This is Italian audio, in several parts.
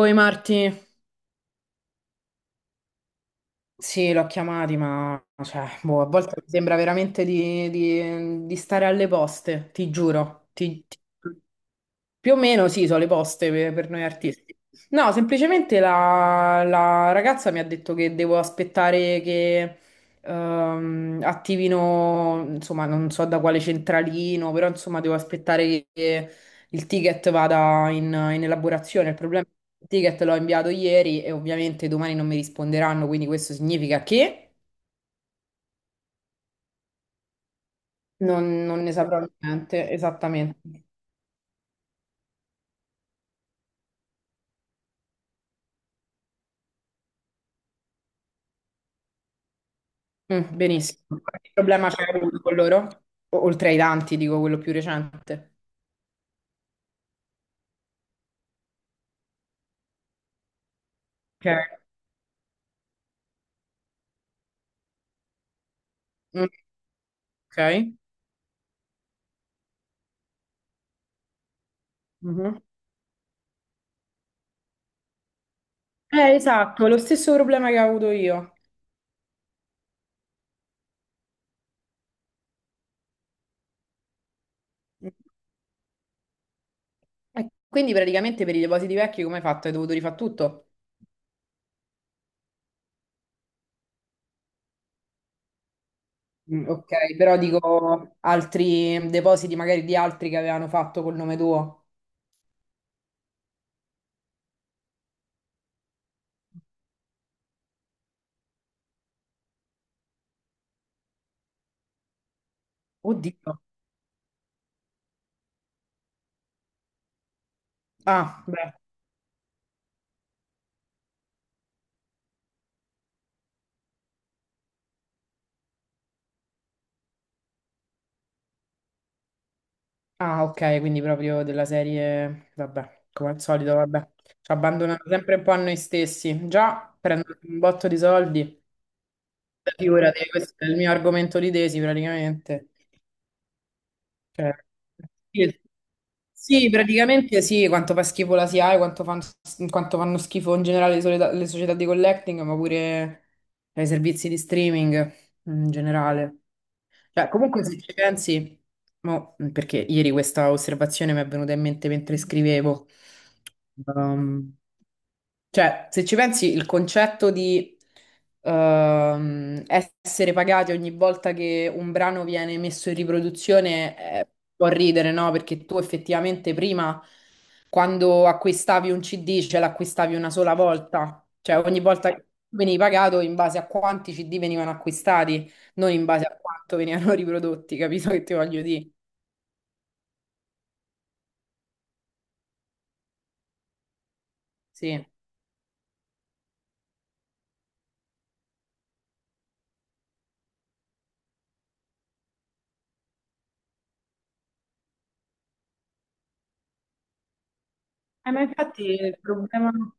Oi Marti, sì, l'ho chiamati, ma cioè, boh, a volte mi sembra veramente di, di stare alle poste, ti giuro. Più o meno sì, sono le poste per noi artisti. No, semplicemente la, la ragazza mi ha detto che devo aspettare che attivino, insomma, non so da quale centralino, però insomma devo aspettare che il ticket vada in, in elaborazione. Il problema è che il ticket l'ho inviato ieri e ovviamente domani non mi risponderanno, quindi questo significa che non ne saprò niente, esattamente. Mm, benissimo. Qualche problema c'è avuto con loro? Oltre ai tanti, dico quello più recente. Ok. Mm, ok. Mhm. Esatto, lo stesso problema che ho avuto io. Mm. E quindi praticamente per i depositi vecchi come hai fatto? Hai dovuto rifare tutto? Mm, ok, però dico altri depositi magari di altri che avevano fatto col nome tuo. Oddio. Ah, beh. Ah, ok, quindi proprio della serie, vabbè, come al solito, vabbè, ci abbandonano sempre un po' a noi stessi. Già prendono un botto di soldi, figurati, questo è il mio argomento di tesi praticamente. Cioè, sì, sì, praticamente sì, quanto fa schifo la SIAE, quanto, quanto fanno schifo in generale le, le società di collecting, ma pure i servizi di streaming in generale. Cioè, comunque se ci pensi, mo, perché ieri questa osservazione mi è venuta in mente mentre scrivevo, ehm, cioè se ci pensi il concetto di essere pagati ogni volta che un brano viene messo in riproduzione può ridere, no? Perché tu effettivamente prima, quando acquistavi un CD, ce l'acquistavi una sola volta, cioè ogni volta che venivi pagato in base a quanti CD venivano acquistati non in base a quanto venivano riprodotti, capito che ti voglio dire? Sì. Ma infatti il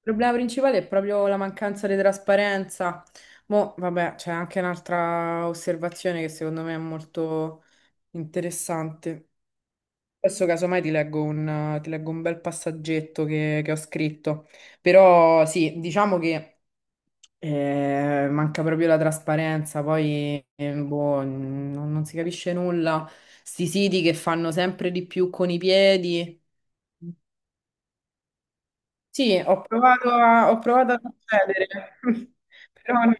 problema principale è proprio la mancanza di trasparenza. Mo, vabbè, c'è anche un'altra osservazione che secondo me è molto interessante. Adesso casomai ti leggo un bel passaggetto che ho scritto, però sì, diciamo che eh, manca proprio la trasparenza, poi boh, non, non si capisce nulla. Sti siti che fanno sempre di più con i piedi. Sì, ho provato a, ho provato ad accedere, però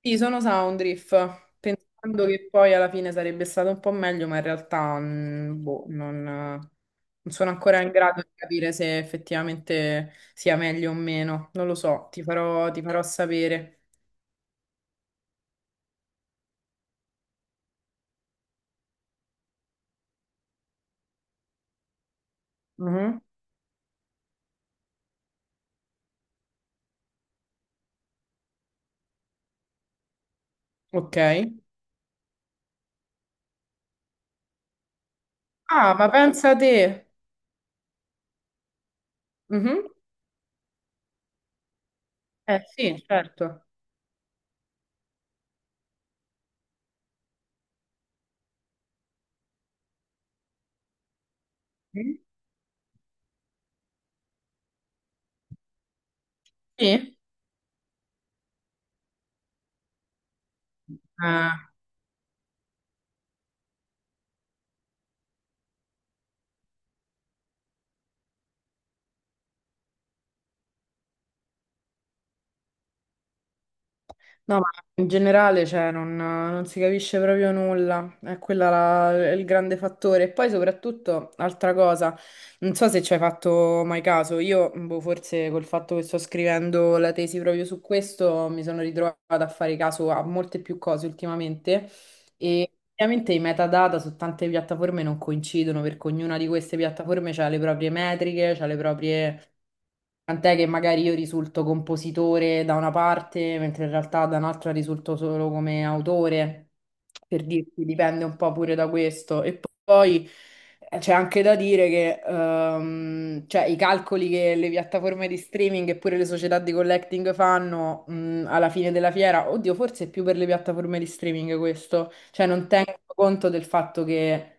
sì, sono Soundreef, pensando che poi alla fine sarebbe stato un po' meglio, ma in realtà boh, non, non sono ancora in grado di capire se effettivamente sia meglio o meno. Non lo so, ti farò sapere. Mhm. Ok. Ah, ma pensa a te. Mhm. Eh sì, certo. Mm? Sì. Eh, no, ma in generale, cioè, non, non si capisce proprio nulla. È quella il grande fattore. E poi, soprattutto, altra cosa, non so se ci hai fatto mai caso. Io, boh, forse col fatto che sto scrivendo la tesi proprio su questo, mi sono ritrovata a fare caso a molte più cose ultimamente. E ovviamente i metadata su tante piattaforme non coincidono perché ognuna di queste piattaforme ha le proprie metriche, ha le proprie... Tant'è che magari io risulto compositore da una parte, mentre in realtà da un'altra risulto solo come autore, per dirti, dipende un po' pure da questo. E poi c'è anche da dire che cioè, i calcoli che le piattaforme di streaming e pure le società di collecting fanno alla fine della fiera, oddio, forse è più per le piattaforme di streaming questo, cioè non tengono conto del fatto che,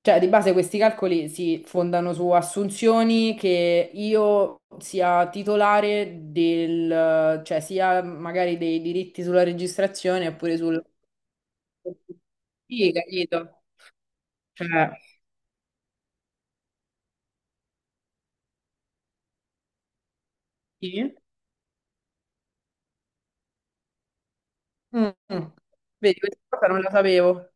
cioè di base questi calcoli si fondano su assunzioni che io sia titolare del, cioè sia magari dei diritti sulla registrazione oppure sul... Sì, capito? Cioè, sì. Mm. Vedi, questa cosa non la sapevo.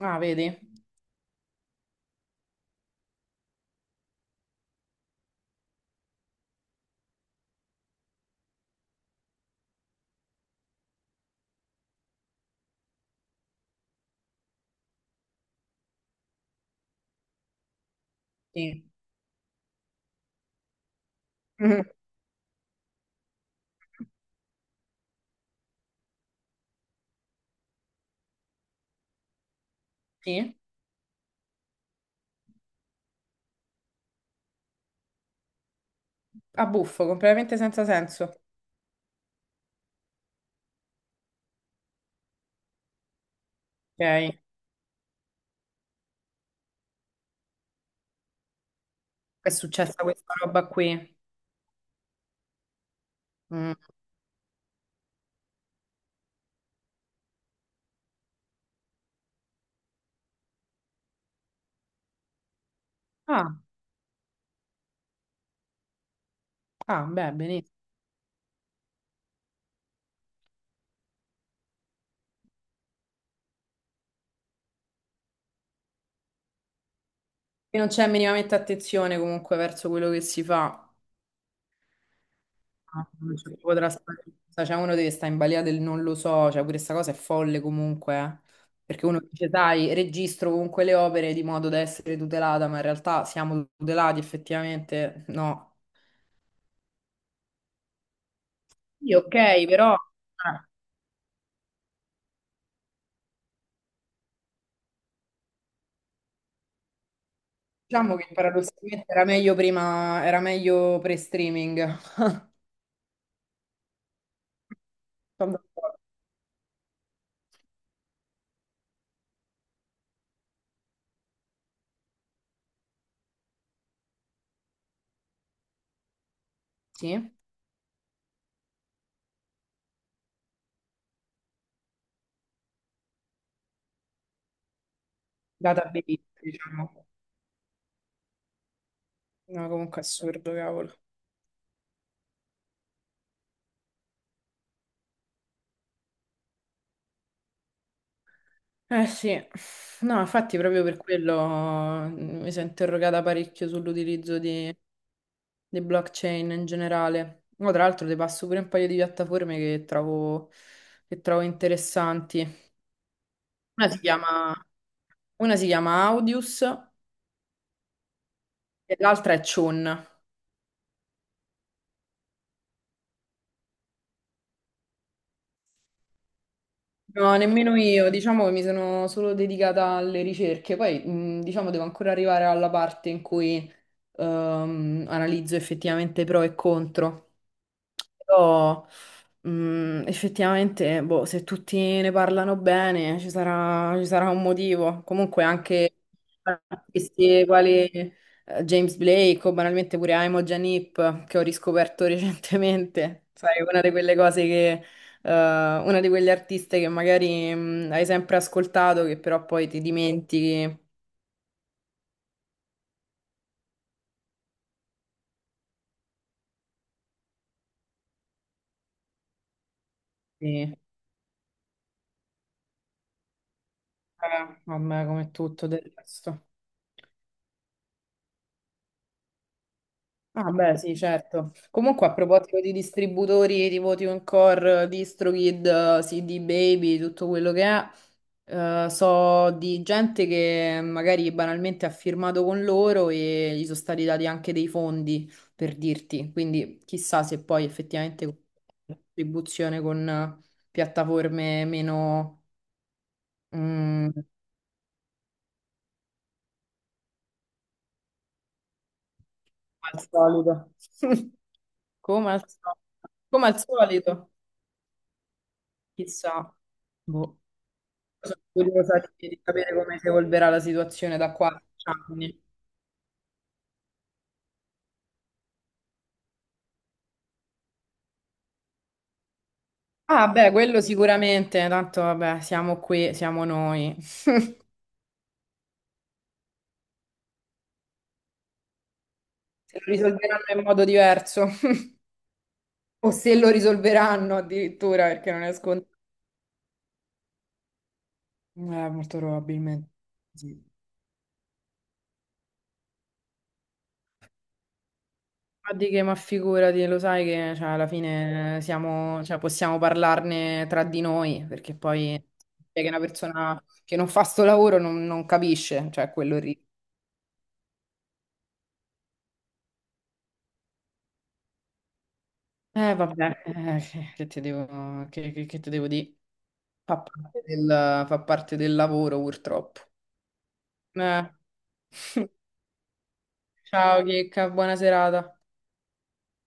Ah, vedi? Sì. Mhm. Sì. A buffo, completamente senza senso. Ok. È successa questa roba qui. Mm. Ah, ah, beh, benissimo. Qui non c'è minimamente attenzione comunque verso quello che si fa. Ah, non c'è proprio trasparenza. Cioè, uno deve stare in balia del non lo so. Cioè, pure questa cosa è folle comunque, eh. Perché uno dice, dai, registro comunque le opere di modo da essere tutelata, ma in realtà siamo tutelati effettivamente. No. Sì, ok, però diciamo che paradossalmente era meglio prima, era meglio pre-streaming. Sono d'accordo. Sì, database, diciamo. No, comunque assurdo, cavolo. Eh sì, no, infatti proprio per quello mi sono interrogata parecchio sull'utilizzo di blockchain in generale. Mo, tra l'altro ti passo pure un paio di piattaforme che trovo interessanti. Una si chiama, una si chiama Audius e l'altra è Chun. No, nemmeno io, diciamo che mi sono solo dedicata alle ricerche, poi diciamo devo ancora arrivare alla parte in cui analizzo effettivamente pro e contro. Però, effettivamente, boh, se tutti ne parlano bene, ci sarà un motivo. Comunque anche artisti quali James Blake o banalmente pure Aimo Janip, che ho riscoperto recentemente. Sai, una di quelle cose che, una di quegli artiste che magari, hai sempre ascoltato, che però poi ti dimentichi. Sì. Vabbè, vabbè, come tutto del resto. Ah, beh, sì, certo. Comunque, a proposito di distributori tipo TuneCore, DistroKid, CD Baby, tutto quello che è, so di gente che magari banalmente ha firmato con loro e gli sono stati dati anche dei fondi, per dirti. Quindi, chissà se poi effettivamente con la distribuzione con piattaforme meno, come al solito. Come al solito. Come al solito, chissà. Boh. Sono curiosa di sapere come si evolverà la situazione da qua a 10 anni. Ah, beh, quello sicuramente, tanto vabbè, siamo qui, siamo noi. Se lo risolveranno in modo diverso, o se lo risolveranno addirittura, perché non è scontato. Eh, molto probabilmente. Sì. Ma di che, ma figurati, lo sai che cioè, alla fine siamo, cioè, possiamo parlarne tra di noi, perché poi è che una persona che non fa sto lavoro non, non capisce, cioè quello lì. Vabbè, che ti devo, che, che ti devo dire? Fa parte del lavoro, purtroppo. Eh, ciao, Chicca, buona serata.